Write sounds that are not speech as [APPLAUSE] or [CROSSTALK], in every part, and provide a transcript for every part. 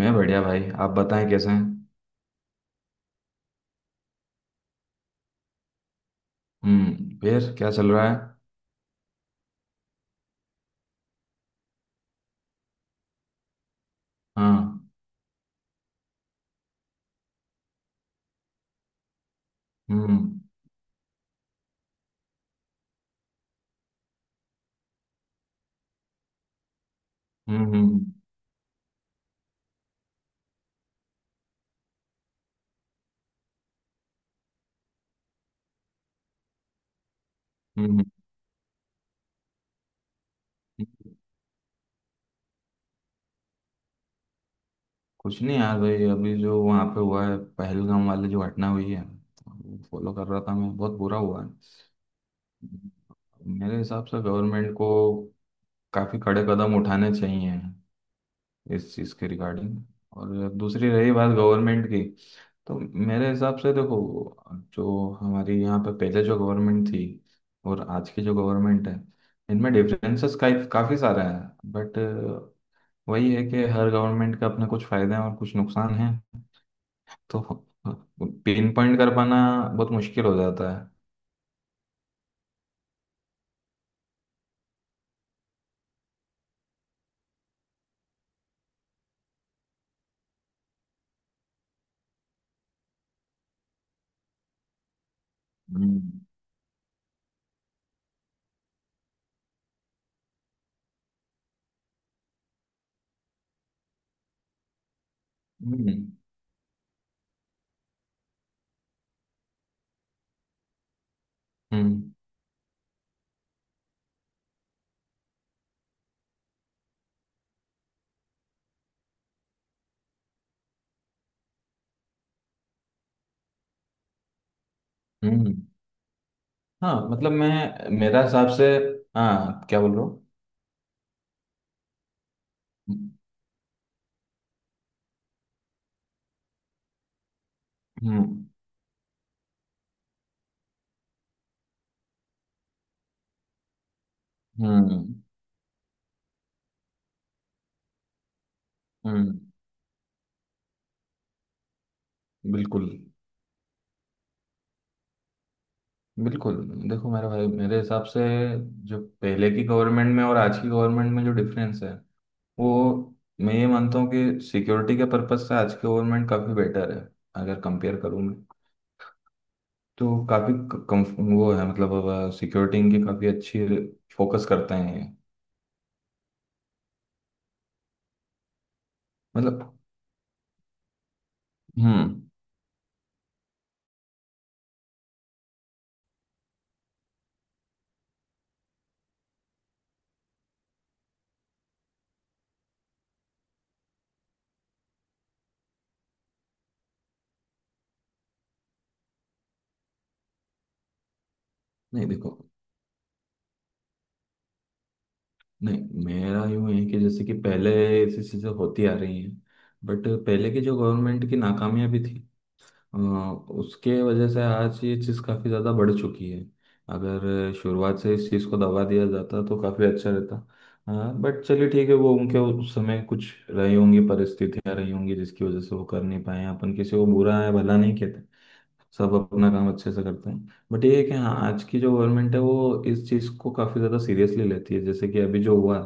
मैं बढ़िया भाई। आप बताएं कैसे हैं। हम्म। फिर क्या चल रहा है? हाँ। हम्म। हम्म। हम्म। हम्म। हम्म। कुछ नहीं यार भाई, अभी जो वहाँ पे हुआ है, पहलगाम वाली जो घटना हुई है फॉलो कर रहा था मैं। बहुत बुरा हुआ है। मेरे हिसाब से गवर्नमेंट को काफ़ी कड़े कदम उठाने चाहिए इस चीज़ के रिगार्डिंग। और दूसरी रही बात गवर्नमेंट की, तो मेरे हिसाब से देखो, जो हमारी यहाँ पे पहले जो गवर्नमेंट थी और आज की जो गवर्नमेंट है, इनमें डिफरेंसेस काफ़ी सारे हैं। बट वही है कि हर गवर्नमेंट के अपने कुछ फ़ायदे हैं और कुछ नुकसान हैं। तो पिन पॉइंट कर पाना बहुत मुश्किल हो जाता है। हम्म। हम्म। हम्म। हम्म। हाँ मतलब मैं, मेरा हिसाब से, हाँ क्या बोल रहा हूँ। हम्म। हम्म। हम्म। हम्म। बिल्कुल। बिल्कुल। देखो मेरे भाई, मेरे हिसाब से, जो पहले की गवर्नमेंट में और आज की गवर्नमेंट में जो डिफरेंस है, वो, मैं ये मानता हूँ कि सिक्योरिटी के पर्पस से आज की गवर्नमेंट काफ़ी बेटर है। अगर कंपेयर करूँ मैं तो काफ़ी कम। वो है, मतलब सिक्योरिटी इनकी काफ़ी अच्छी, फोकस करते हैं ये। मतलब, हम्म, नहीं देखो, नहीं मेरा यूं है कि जैसे कि पहले ऐसी चीज़ें होती आ रही हैं, बट पहले की जो गवर्नमेंट की नाकामियां भी थी, उसके वजह से आज ये चीज़ काफ़ी ज़्यादा बढ़ चुकी है। अगर शुरुआत से इस चीज़ को दबा दिया जाता तो काफ़ी अच्छा रहता। हाँ बट चलिए ठीक है, वो उनके उस समय कुछ रही होंगी परिस्थितियां, रही होंगी जिसकी वजह से वो कर नहीं पाए हैं। अपन किसी को बुरा है भला नहीं कहते। सब अपना काम अच्छे से करते हैं, बट ये है कि हाँ, आज की जो गवर्नमेंट है वो इस चीज़ को काफ़ी ज़्यादा सीरियसली लेती है, जैसे कि अभी जो हुआ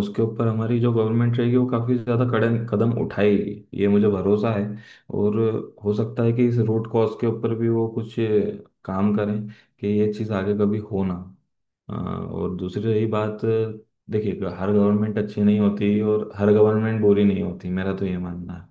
उसके ऊपर हमारी जो गवर्नमेंट रहेगी वो काफ़ी ज़्यादा कड़े कदम उठाएगी, ये मुझे भरोसा है। और हो सकता है कि इस रूट कॉज के ऊपर भी वो कुछ काम करें, कि ये चीज़ आगे कभी हो ना। और दूसरी रही बात, देखिए हर गवर्नमेंट अच्छी नहीं होती और हर गवर्नमेंट बुरी नहीं होती, मेरा तो ये मानना है।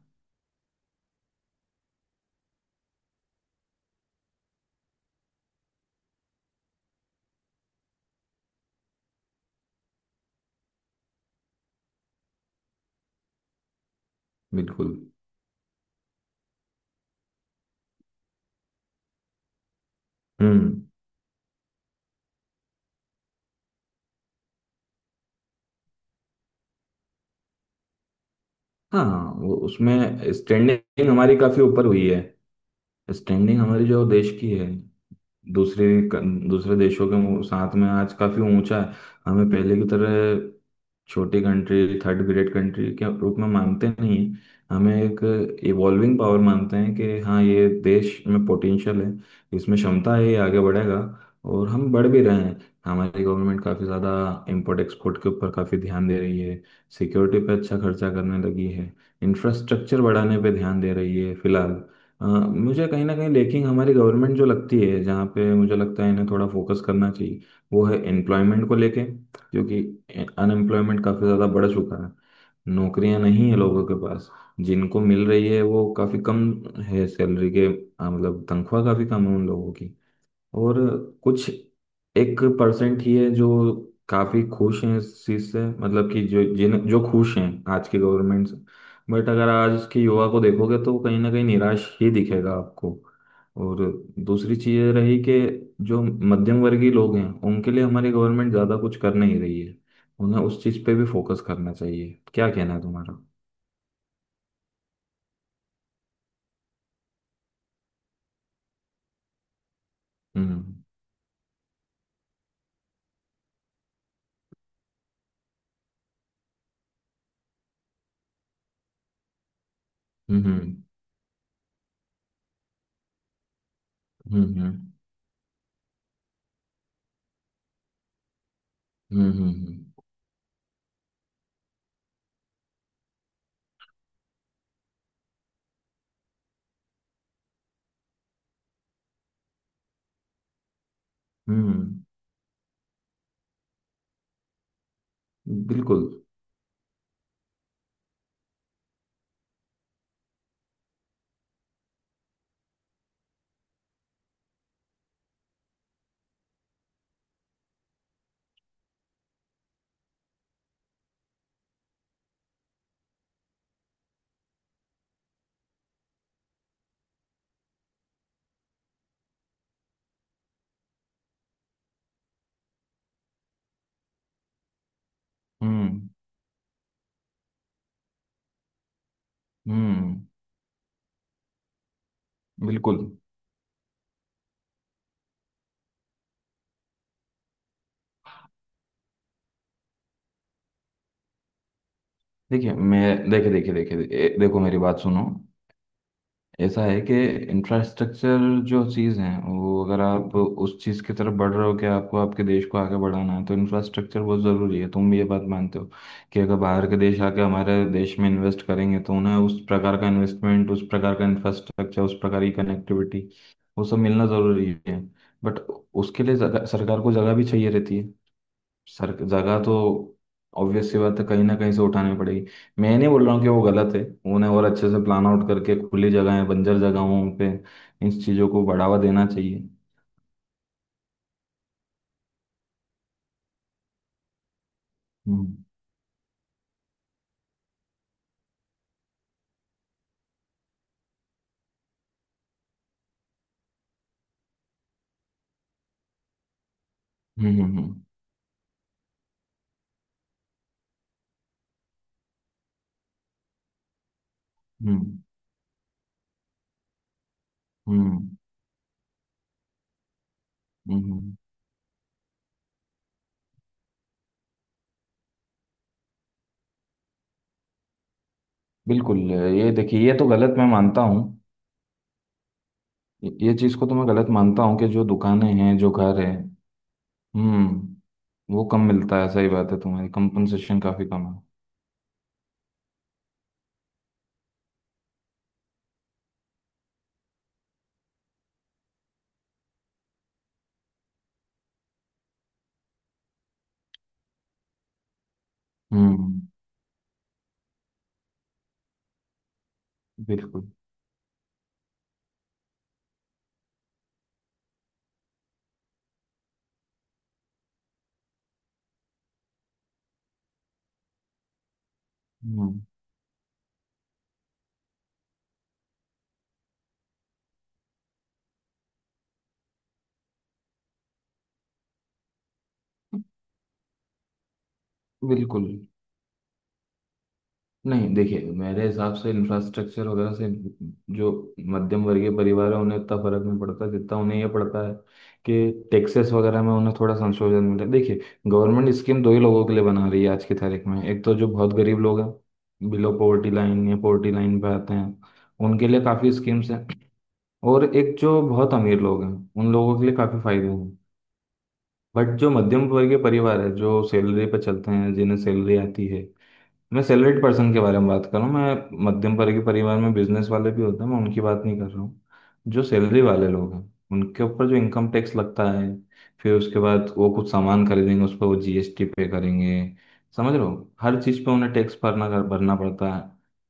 बिल्कुल। हम्म। हाँ वो, उसमें स्टैंडिंग हमारी काफी ऊपर हुई है। स्टैंडिंग हमारी जो देश की है, दूसरे दूसरे देशों के साथ में आज काफी ऊंचा है। हमें पहले की तरह छोटी कंट्री, थर्ड ग्रेड कंट्री के रूप में मानते नहीं हैं। हमें एक इवॉल्विंग पावर मानते हैं कि हाँ, ये देश में पोटेंशियल है, इसमें क्षमता है, ये आगे बढ़ेगा और हम बढ़ भी रहे हैं। हमारी गवर्नमेंट काफ़ी ज़्यादा इंपोर्ट एक्सपोर्ट के ऊपर काफ़ी ध्यान दे रही है, सिक्योरिटी पे अच्छा खर्चा करने लगी है, इंफ्रास्ट्रक्चर बढ़ाने पे ध्यान दे रही है फिलहाल। मुझे कहीं ना कहीं लेकिन हमारी गवर्नमेंट जो लगती है, जहाँ पे मुझे लगता है इन्हें थोड़ा फोकस करना चाहिए, वो है एम्प्लॉयमेंट को लेके। क्योंकि अनएम्प्लॉयमेंट काफ़ी ज़्यादा बढ़ चुका है, नौकरियां नहीं है लोगों के पास। जिनको मिल रही है वो काफ़ी कम है सैलरी के, मतलब तनख्वाह काफ़ी कम है उन लोगों की। और कुछ एक परसेंट ही है जो काफी खुश हैं इस चीज से, मतलब कि जो खुश हैं आज की गवर्नमेंट से। बट अगर आज के युवा को देखोगे तो कहीं ना कहीं निराश ही दिखेगा आपको। और दूसरी चीज ये रही, कि जो मध्यम वर्गीय लोग हैं उनके लिए हमारी गवर्नमेंट ज्यादा कुछ कर नहीं रही है, उन्हें उस चीज पे भी फोकस करना चाहिए। क्या कहना है तुम्हारा? हम्म। हम्म। हम्म। हम्म। हम्म। हम्म। हम्म, बिल्कुल। हम्म। हम्म। बिल्कुल। देखिए, मैं देखिए देखिए देखिए ए- देखो, मेरी बात सुनो। ऐसा है कि इंफ्रास्ट्रक्चर जो चीज़ है, वो अगर आप उस चीज़ की तरफ बढ़ रहे हो कि आपको, आपके देश को आगे बढ़ाना है, तो इंफ्रास्ट्रक्चर बहुत ज़रूरी है। तुम भी ये बात मानते हो कि अगर बाहर के देश आके हमारे देश में इन्वेस्ट करेंगे, तो उन्हें उस प्रकार का इन्वेस्टमेंट, उस प्रकार का इंफ्रास्ट्रक्चर, उस प्रकार की कनेक्टिविटी, वो सब मिलना ज़रूरी है। बट उसके लिए जगह, सरकार को जगह भी चाहिए रहती है। सर जगह तो ऑब्वियस सी बात है, कहीं ना कहीं से उठानी पड़ेगी। मैं नहीं बोल रहा हूँ कि वो गलत है। उन्हें और अच्छे से प्लान आउट करके खुली जगहें, बंजर जगहों पे इन चीज़ों को बढ़ावा देना चाहिए। हम्म। हम्म। हम्म। हम्म। हम्म। हम्म, हम्म, हम्म। बिल्कुल, ये देखिए, ये तो गलत मैं मानता हूँ। ये चीज़ को तो मैं गलत मानता हूँ, कि जो दुकानें हैं, जो घर हैं। हम्म। वो कम मिलता है, सही बात है तुम्हारी, कंपनसेशन काफी कम है। हम्म। बिल्कुल। हम्म। बिल्कुल। नहीं देखिए, मेरे हिसाब से इंफ्रास्ट्रक्चर वगैरह से जो मध्यम वर्गीय परिवार है उन्हें उतना फर्क नहीं पड़ता, जितना उन्हें यह पड़ता है कि टैक्सेस वगैरह में उन्हें थोड़ा संशोधन मिले। देखिए, गवर्नमेंट स्कीम दो ही लोगों के लिए बना रही है आज की तारीख में। एक तो जो बहुत गरीब लोग हैं, बिलो पॉवर्टी लाइन या पॉवर्टी लाइन पे आते हैं, उनके लिए काफ़ी स्कीम्स हैं। और एक जो बहुत अमीर लोग हैं, उन लोगों के लिए काफ़ी फायदे हैं। बट जो मध्यम वर्गीय परिवार है, जो सैलरी पे चलते हैं, जिन्हें सैलरी आती है, मैं सैलरीड पर्सन के बारे में बात कर रहा हूँ। मैं मध्यम वर्ग के परिवार में बिजनेस वाले भी होते हैं, मैं उनकी बात नहीं कर रहा हूँ। जो सैलरी वाले लोग हैं, उनके ऊपर जो इनकम टैक्स लगता है, फिर उसके बाद वो कुछ सामान खरीदेंगे, उस पर वो जीएसटी पे करेंगे। समझ रहे हो, हर चीज़ पे उन्हें टैक्स भरना, कर भरना पड़ता है।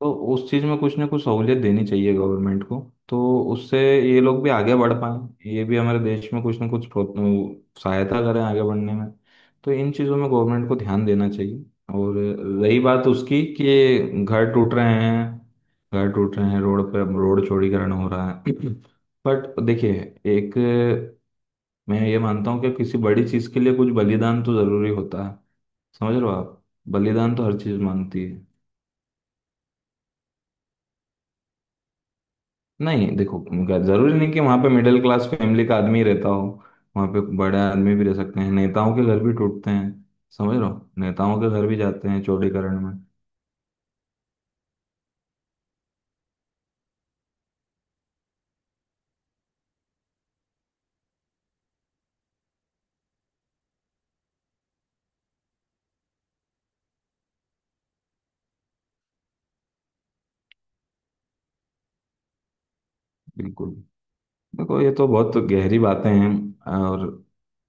तो उस चीज़ में कुछ ना कुछ सहूलियत देनी चाहिए गवर्नमेंट को, तो उससे ये लोग भी आगे बढ़ पाएं, ये भी हमारे देश में कुछ ना कुछ सहायता करें आगे बढ़ने में। तो इन चीज़ों में गवर्नमेंट को ध्यान देना चाहिए। और रही बात उसकी कि घर टूट रहे हैं, घर टूट रहे हैं, रोड पे रोड चौड़ीकरण हो रहा है। [CLEARS THROAT] बट देखिए, एक, मैं ये मानता हूँ कि किसी बड़ी चीज़ के लिए कुछ बलिदान तो ज़रूरी होता है। समझ रहे हो आप, बलिदान तो हर चीज़ मांगती है। नहीं देखो, ज़रूरी नहीं कि वहाँ पे मिडिल क्लास फैमिली का आदमी ही रहता हो, वहाँ पे बड़े आदमी भी रह सकते हैं, नेताओं के घर भी टूटते हैं। समझ रहे हो, नेताओं के घर भी जाते हैं चौड़ीकरण में। बिल्कुल। देखो, ये तो बहुत गहरी बातें हैं, और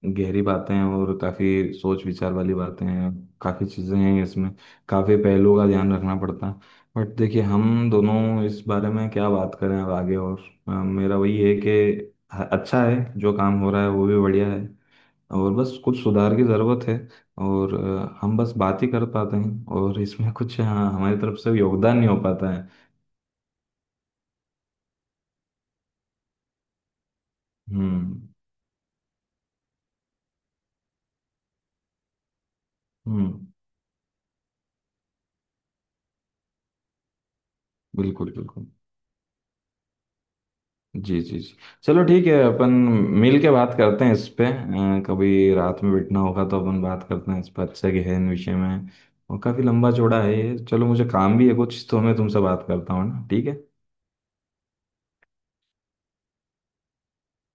गहरी बातें हैं, और काफ़ी सोच विचार वाली बातें हैं, काफ़ी चीज़ें हैं इसमें, काफ़ी पहलुओं का ध्यान रखना पड़ता है। बट देखिए, हम दोनों इस बारे में क्या बात करें अब आगे और। मेरा वही है कि अच्छा है, जो काम हो रहा है वो भी बढ़िया है, और बस कुछ सुधार की ज़रूरत है। और हम बस बात ही कर पाते हैं, और इसमें कुछ, हाँ, हमारी तरफ से योगदान नहीं हो पाता है। हम्म। हम्म। बिल्कुल। बिल्कुल। जी जी जी। चलो ठीक है, अपन मिल के बात करते हैं इस पे, कभी रात में बैठना होगा तो अपन बात करते हैं इस पर, अच्छा गहन विषय में, और काफ़ी लंबा चौड़ा है ये। चलो, मुझे काम भी है कुछ, तो मैं तुमसे बात करता हूँ ना, ठीक है।